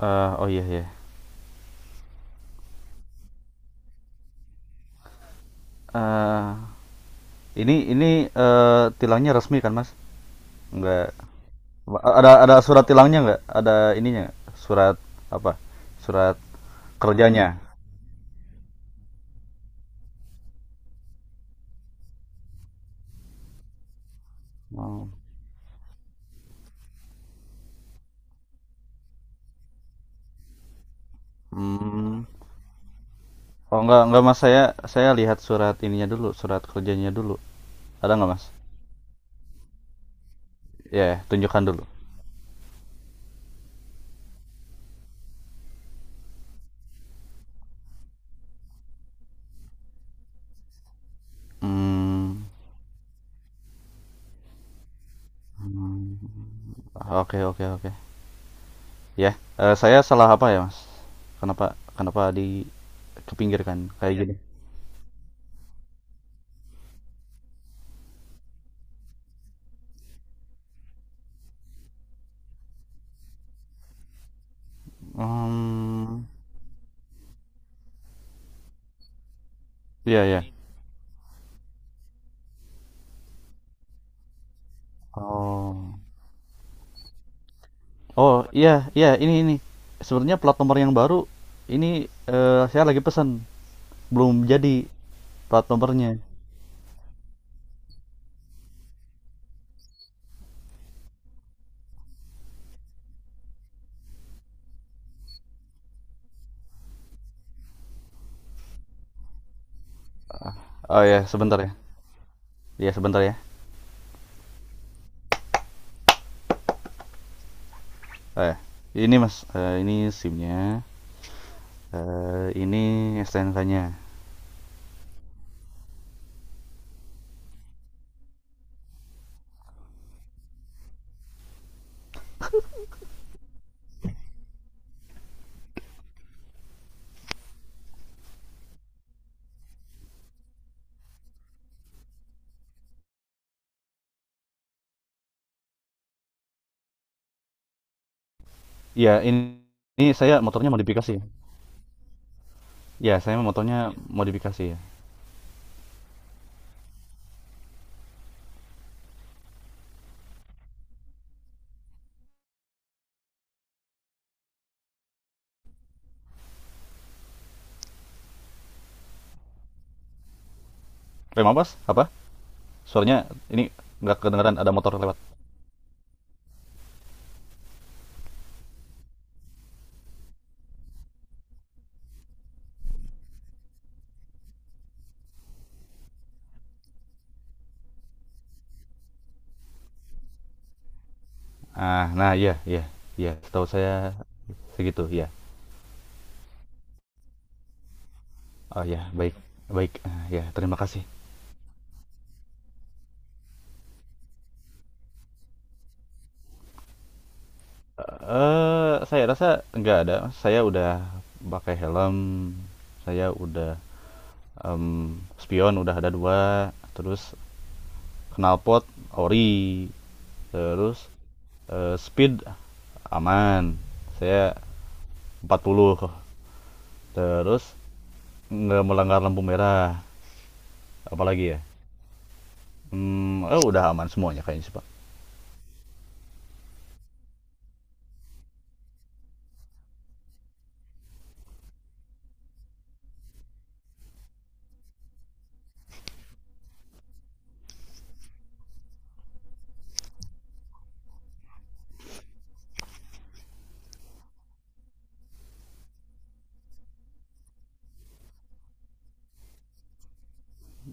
Oh, iya, iya. Eh, ini tilangnya resmi kan, Mas? Enggak. Ada surat tilangnya nggak? Ada ininya? Surat apa? Surat kerjanya. Oh. Hmm. Oh, enggak Mas, saya lihat surat ininya dulu, surat kerjanya dulu. Ada nggak, Mas? Ya, tunjukkan dulu. Hmm. Hmm. Oke, oke, oke. Ya, saya salah apa ya, Mas? Kenapa kenapa di kepinggirkan kayak gini? Hmm. Iya, iya. Oh. Oh, iya, iya, ini ini. Sebenarnya plat nomor yang baru ini saya lagi pesan. Belum jadi plat nomornya. Oh ya, sebentar ya. Iya, sebentar ya. Eh, ini Mas, ini SIM-nya. Ini STNK-nya. Iya, ini saya motornya modifikasi. Ya, saya motornya modifikasi ya. Maaf, Mas, apa? Suaranya ini nggak kedengeran, ada motor lewat. Ah, nah iya, iya, iya. Setahu saya segitu, ya. Oh ya, baik, baik. Ah, ya, terima kasih. Saya rasa nggak ada. Saya udah pakai helm, saya udah, mmm, spion udah ada dua, terus knalpot ori, terus, speed aman, saya 40, terus nggak melanggar lampu merah, apalagi ya? Oh, udah aman semuanya kayaknya sih, Pak.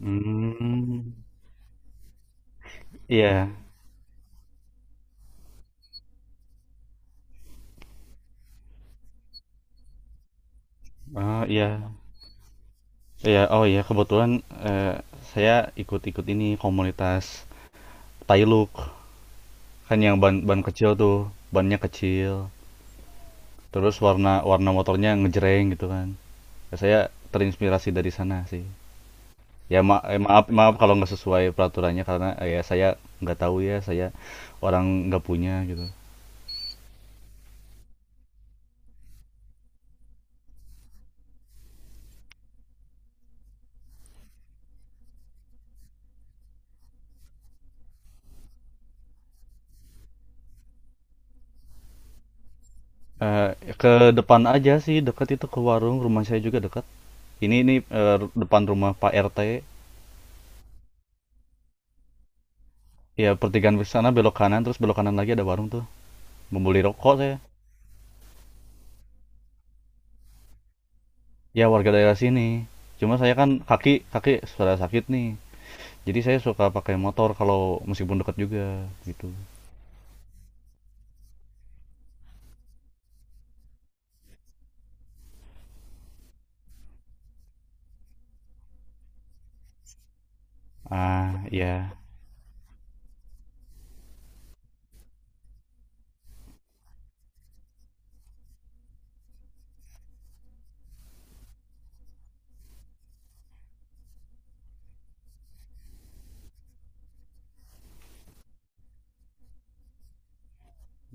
Hmm, iya, oh, iya, iya, oh, iya, kebetulan, eee, saya ikut-ikut ini komunitas Tailuk. Kan yang ban ban kecil tuh, bannya kecil. Terus warna warna motornya ngejreng gitu kan. Ya, saya terinspirasi dari sana sih. Maaf, maaf kalau nggak sesuai peraturannya, karena ya saya nggak tahu ya, saya orang nggak punya gitu. Eh, ke depan aja sih, dekat itu, ke warung, rumah saya juga dekat. Ini depan rumah Pak RT. Ya, pertigaan ke sana belok kanan, terus belok kanan lagi ada warung tuh. Membeli rokok saya. Ya, warga daerah sini. Cuma saya kan kaki kaki sudah sakit nih. Jadi saya suka pakai motor kalau meskipun dekat juga gitu. Ah, iya.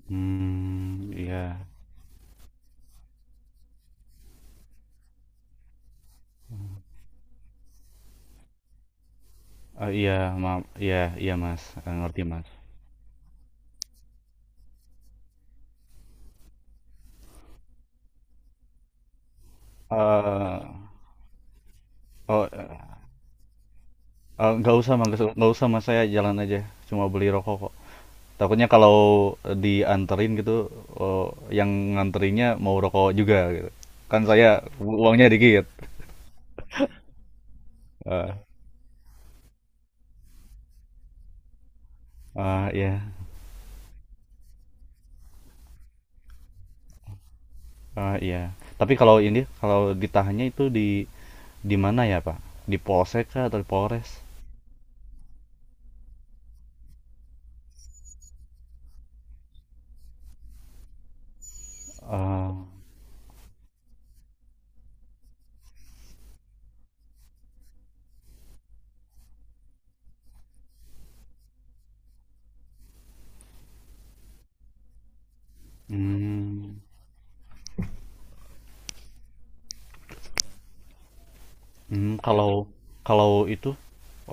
Hmm, iya. Ah, iya, ma iya, iya Mas. Ah, ngerti Mas. Eh oh nggak usah Mas, nggak usah Mas, saya jalan aja, cuma beli rokok kok. Takutnya kalau dianterin gitu, oh, yang nganterinnya mau rokok juga gitu, kan saya uangnya dikit. Ah, iya. Ah, iya, tapi kalau ini, kalau ditahannya itu di mana ya, Pak? Di Polsek kah atau di Polres? Eh, hmm, kalau kalau itu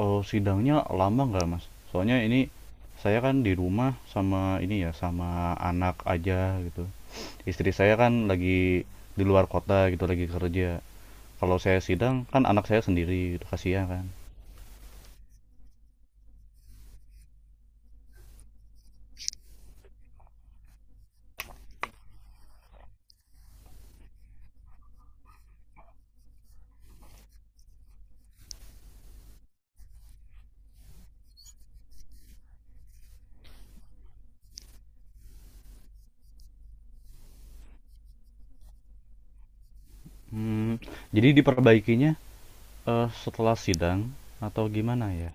sidangnya lama nggak, Mas? Soalnya ini saya kan di rumah sama ini ya, sama anak aja gitu. Istri saya kan lagi di luar kota gitu, lagi kerja. Kalau saya sidang kan anak saya sendiri gitu, kasihan kan. Hmm, jadi diperbaikinya setelah sidang atau gimana ya?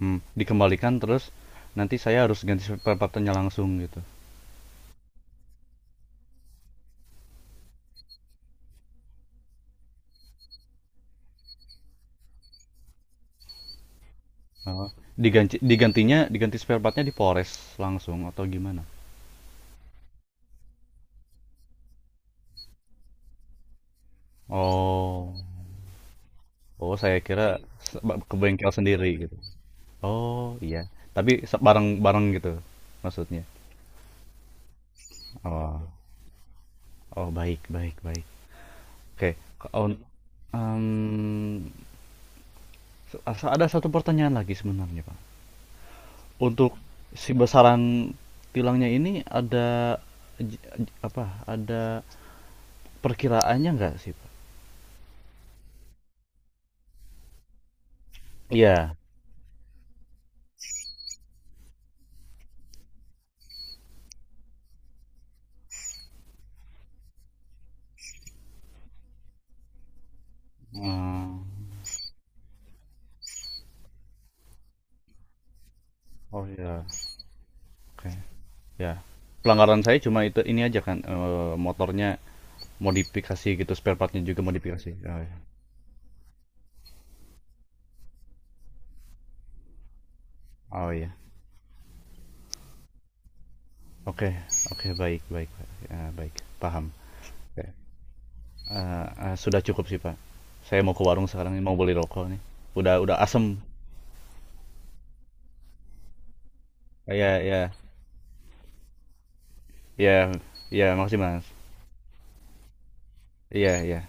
Hmm, dikembalikan terus nanti saya harus ganti spare partnya langsung gitu. Apa? Diganti, diganti spare partnya di Polres langsung atau gimana? Oh. Oh, saya kira se- ke bengkel sendiri gitu. Oh, iya. Tapi bareng-bareng gitu maksudnya. Oh. Oh, baik, baik, baik. Oke. Ke- un- em, ada satu pertanyaan lagi sebenarnya, Pak. Untuk besaran tilangnya ini ada apa? Ada perkiraannya enggak sih, Pak? Iya. Hmm. Oh ya, oke. Ya. Pelanggaran saya cuma itu ini aja kan, motornya modifikasi gitu, spare partnya juga modifikasi. Oh ya. Oh, iya. Oke, oke, baik, baik Pak. Ya, baik, paham. Eh, sudah cukup sih Pak. Saya mau ke warung sekarang, ini mau beli rokok nih. Udah asem. Ya, ya, ya, ya, makasih Mas. Iya, iya.